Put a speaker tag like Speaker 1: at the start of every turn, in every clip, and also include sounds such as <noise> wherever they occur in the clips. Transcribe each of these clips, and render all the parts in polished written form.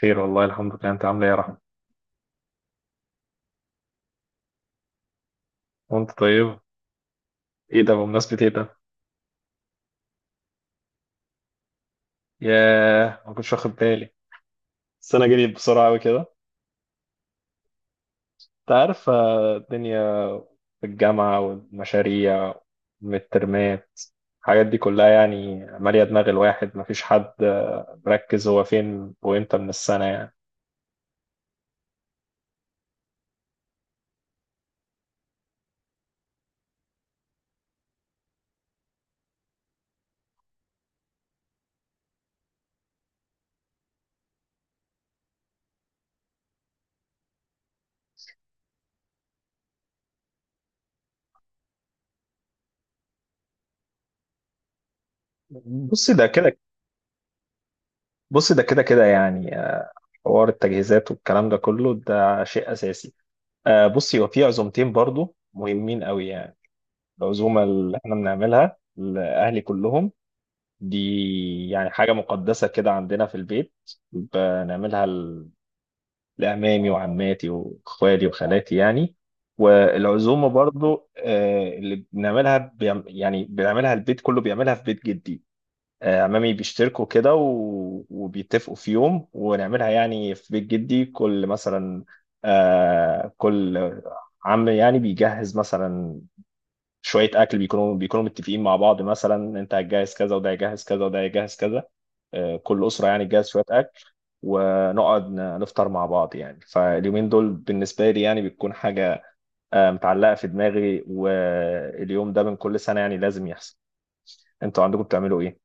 Speaker 1: خير والله، الحمد لله. انت عامل ايه يا رحمة؟ وانت طيب. ايه ده؟ بمناسبة ايه ده؟ ياه، ما كنتش واخد بالي. السنة جريت بسرعة قوي كده. انت عارف الدنيا، في الجامعة والمشاريع والترمات، الحاجات دي كلها يعني مالية دماغ الواحد، مفيش حد مركز هو فين وامتى من السنة يعني. بص ده كده بص، ده كده يعني. حوار التجهيزات والكلام ده كله، ده شيء أساسي. بصي، هو في عزومتين برضو مهمين قوي يعني. العزومة اللي احنا بنعملها لأهلي كلهم دي يعني حاجة مقدسة كده عندنا في البيت، بنعملها لأمامي وعماتي وإخوالي وخالاتي يعني. والعزومة برضو اللي بنعملها يعني بنعملها البيت كله، بيعملها في بيت جدي. عمامي بيشتركوا كده وبيتفقوا في يوم ونعملها، يعني في بيت جدي، كل مثلا كل عم يعني بيجهز مثلا شويه اكل، بيكونوا متفقين مع بعض، مثلا انت هتجهز كذا وده هيجهز كذا وده هيجهز كذا. كل اسره يعني تجهز شويه اكل، ونقعد نفطر مع بعض. يعني فاليومين دول بالنسبه لي يعني بتكون حاجه متعلقه في دماغي، واليوم ده من كل سنه يعني لازم يحصل. انتوا عندكم بتعملوا ايه؟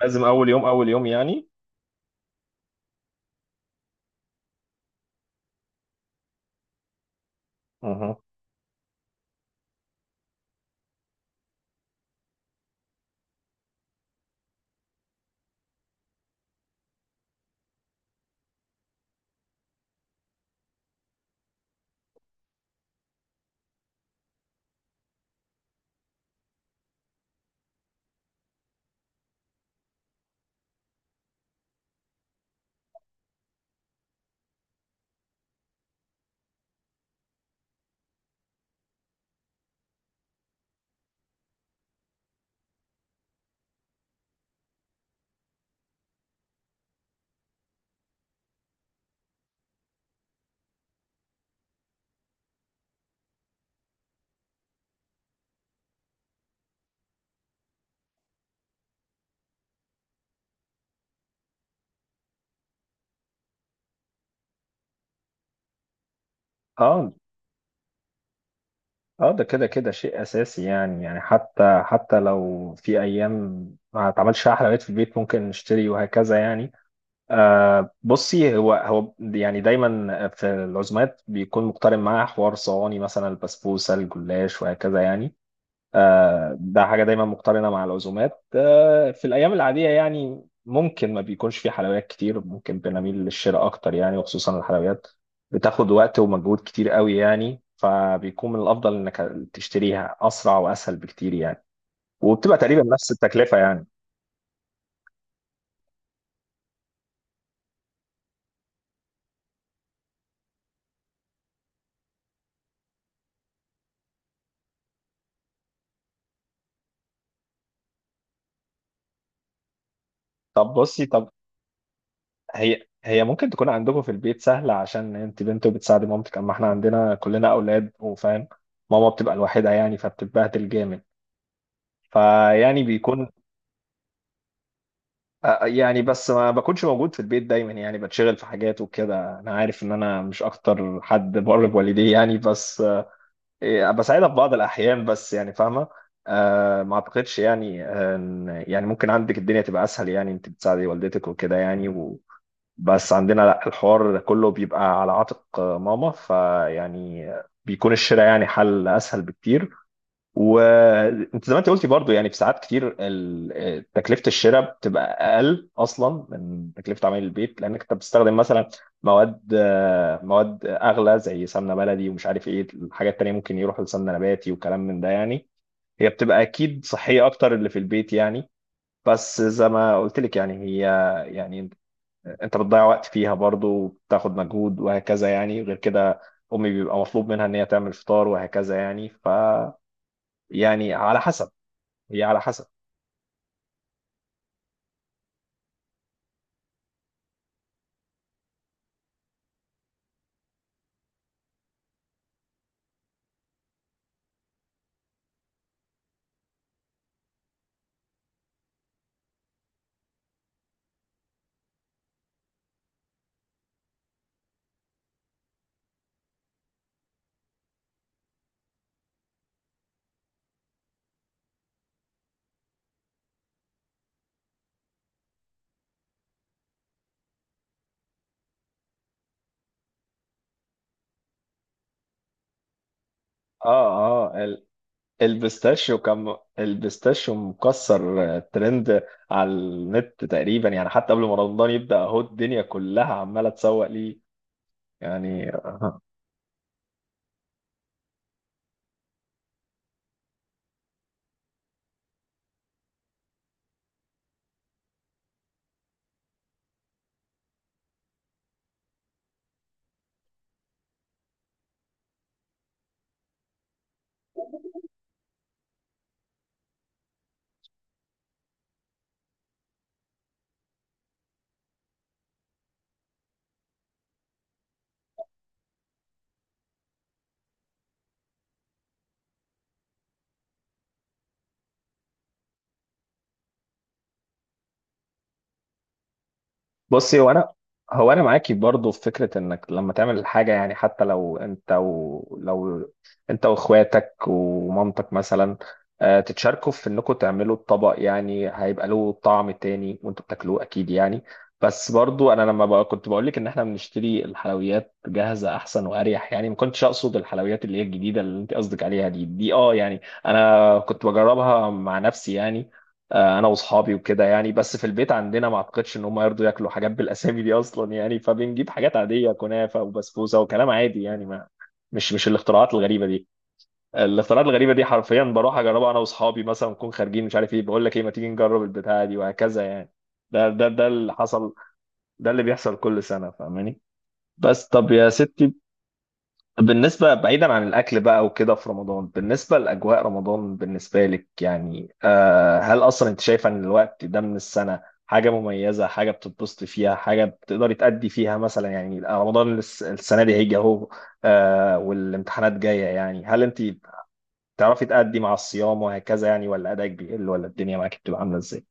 Speaker 1: لازم اول يوم، اول يوم يعني. اها. اه. اه، ده كده كده شيء اساسي يعني. يعني حتى لو في ايام ما اتعملش فيها حلويات في البيت ممكن نشتري وهكذا يعني. آه، بصي، هو يعني دايما في العزومات بيكون مقترن معاه حوار صواني، مثلا البسبوسه، الجلاش وهكذا يعني. آه، ده حاجه دايما مقترنه مع العزومات. آه، في الايام العاديه يعني ممكن ما بيكونش في حلويات كتير، ممكن بنميل للشراء اكتر يعني، وخصوصا الحلويات بتاخد وقت ومجهود كتير قوي يعني، فبيكون من الافضل انك تشتريها، اسرع واسهل بكتير يعني. وبتبقى تقريبا نفس التكلفه يعني. طب بصي، هي ممكن تكون عندكم في البيت سهلة عشان انت بنت وبتساعدي مامتك، اما احنا عندنا كلنا اولاد وفاهم، ماما بتبقى الوحيدة يعني فبتتبهدل جامد. فيعني بيكون يعني بس ما بكونش موجود في البيت دايما يعني، بتشغل في حاجات وكده، انا عارف ان انا مش اكتر حد بر بوالديه يعني، بس بساعدها في بعض الاحيان بس يعني، فاهمة. أه، ما اعتقدش يعني يعني ممكن عندك الدنيا تبقى اسهل يعني انت بتساعدي والدتك وكده يعني، بس عندنا لا، الحوار كله بيبقى على عاتق ماما، فيعني بيكون الشراء يعني حل اسهل بكتير. وانت زي ما انت قلتي برضو يعني، في ساعات كتير تكلفه الشراء بتبقى اقل اصلا من تكلفه عمل البيت، لانك انت بتستخدم مثلا مواد مواد اغلى زي سمنه بلدي، ومش عارف ايه الحاجات التانيه، ممكن يروح لسمنه نباتي وكلام من ده يعني. هي بتبقى اكيد صحيه اكتر اللي في البيت يعني، بس زي ما قلت لك يعني هي يعني انت بتضيع وقت فيها برضو وبتاخد مجهود وهكذا يعني، غير كده امي بيبقى مطلوب منها ان هي تعمل فطار وهكذا يعني، ف يعني على حسب. هي على حسب. اه، اه، البيستاشيو، كان البيستاشيو مكسر ترند على النت تقريبا يعني، حتى قبل ما رمضان يبدأ اهو الدنيا كلها عمالة تسوق ليه يعني. <laughs> بصي، هو انا معاكي برضه في فكره انك لما تعمل حاجه يعني، حتى لو انت و... لو انت واخواتك ومامتك مثلا تتشاركوا في انكم تعملوا الطبق، يعني هيبقى له طعم تاني وانتوا بتاكلوه اكيد يعني. بس برضه انا لما بقى كنت بقول لك ان احنا بنشتري الحلويات جاهزه احسن واريح يعني، ما كنتش اقصد الحلويات اللي هي الجديده اللي انت قصدك عليها دي اه يعني، انا كنت بجربها مع نفسي يعني. انا واصحابي وكده يعني، بس في البيت عندنا ما اعتقدش ان هم يرضوا ياكلوا حاجات بالاسامي دي اصلا يعني، فبنجيب حاجات عاديه كنافه وبسبوسه وكلام عادي يعني، ما مش الاختراعات الغريبه دي. الاختراعات الغريبه دي حرفيا بروح اجربها انا واصحابي، مثلا نكون خارجين مش عارف ايه بقول لك ايه، ما تيجي نجرب البتاعه دي وهكذا يعني. ده اللي حصل. ده اللي بيحصل كل سنه، فاهماني. بس طب يا ستي، بالنسبة بعيدا عن الأكل بقى وكده في رمضان، بالنسبة لأجواء رمضان بالنسبة لك يعني هل أصلا أنت شايفة إن الوقت ده من السنة حاجة مميزة، حاجة بتتبسطي فيها، حاجة بتقدري تأدي فيها مثلا؟ يعني رمضان السنة دي هيجي أهو، والامتحانات جاية يعني، هل أنت بتعرفي تأدي مع الصيام وهكذا يعني، ولا أدائك بيقل، ولا الدنيا معاك بتبقى عاملة إزاي؟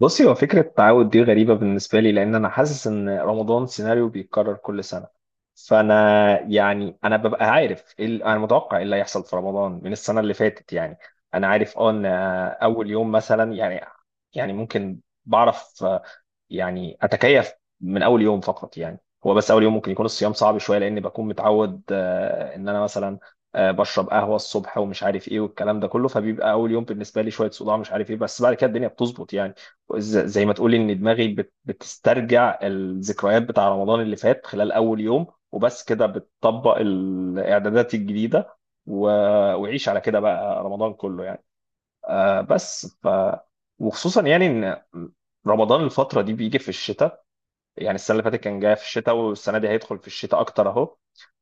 Speaker 1: بصي، هو فكرة التعود دي غريبة بالنسبة لي، لأن أنا حاسس إن رمضان سيناريو بيتكرر كل سنة. فأنا يعني أنا ببقى عارف إيه أنا متوقع إيه اللي هيحصل في رمضان من السنة اللي فاتت يعني. أنا عارف أه إن أول يوم مثلا يعني، يعني ممكن بعرف يعني اتكيف من اول يوم فقط يعني. هو بس اول يوم ممكن يكون الصيام صعب شويه، لان بكون متعود ان انا مثلا بشرب قهوه الصبح ومش عارف ايه والكلام ده كله، فبيبقى اول يوم بالنسبه لي شويه صداع مش عارف ايه، بس بعد كده الدنيا بتظبط يعني. زي ما تقولي ان دماغي بتسترجع الذكريات بتاع رمضان اللي فات خلال اول يوم، وبس كده بتطبق الاعدادات الجديده. و- وعيش على كده بقى رمضان كله يعني. آه بس وخصوصا يعني ان رمضان الفترة دي بيجي في الشتاء، يعني السنة اللي فاتت كان جاي في الشتاء، والسنة دي هيدخل في الشتاء أكتر أهو،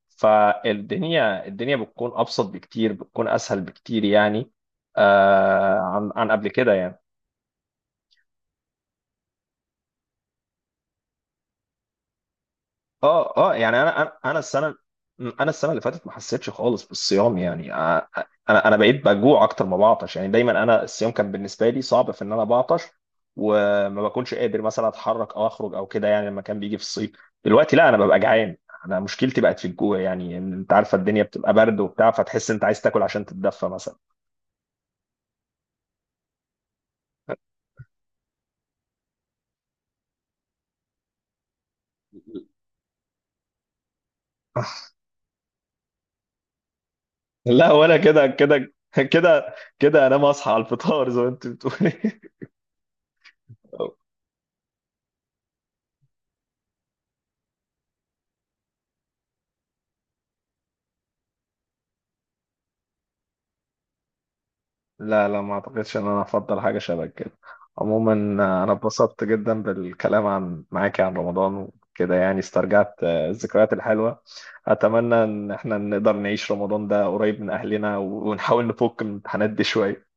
Speaker 1: فالدنيا بتكون أبسط بكتير، بتكون أسهل بكتير يعني، آه عن قبل كده يعني. اه، اه، يعني انا السنه اللي فاتت ما حسيتش خالص بالصيام يعني، انا بقيت بجوع اكتر ما بعطش يعني، دايما انا الصيام كان بالنسبه لي صعب في ان انا بعطش، وما بكونش قادر مثلا اتحرك او اخرج او كده يعني لما كان بيجي في الصيف. دلوقتي لا، انا ببقى جعان. انا مشكلتي بقت في الجوع يعني، إن انت عارفه الدنيا بتبقى برد وبتاع، فتحس انت عايز تاكل عشان تتدفى مثلا. <laughs> لا، وانا كده كده انا ما اصحى على الفطار زي ما انت بتقولي. <laughs> لا لا، ما اعتقدش ان انا افضل حاجه شبه كده. عموما انا اتبسطت جدا بالكلام عن معاكي عن رمضان وكده يعني، استرجعت الذكريات الحلوه. اتمنى ان احنا نقدر نعيش رمضان ده قريب من اهلنا ونحاول نفك من الامتحانات دي شويه.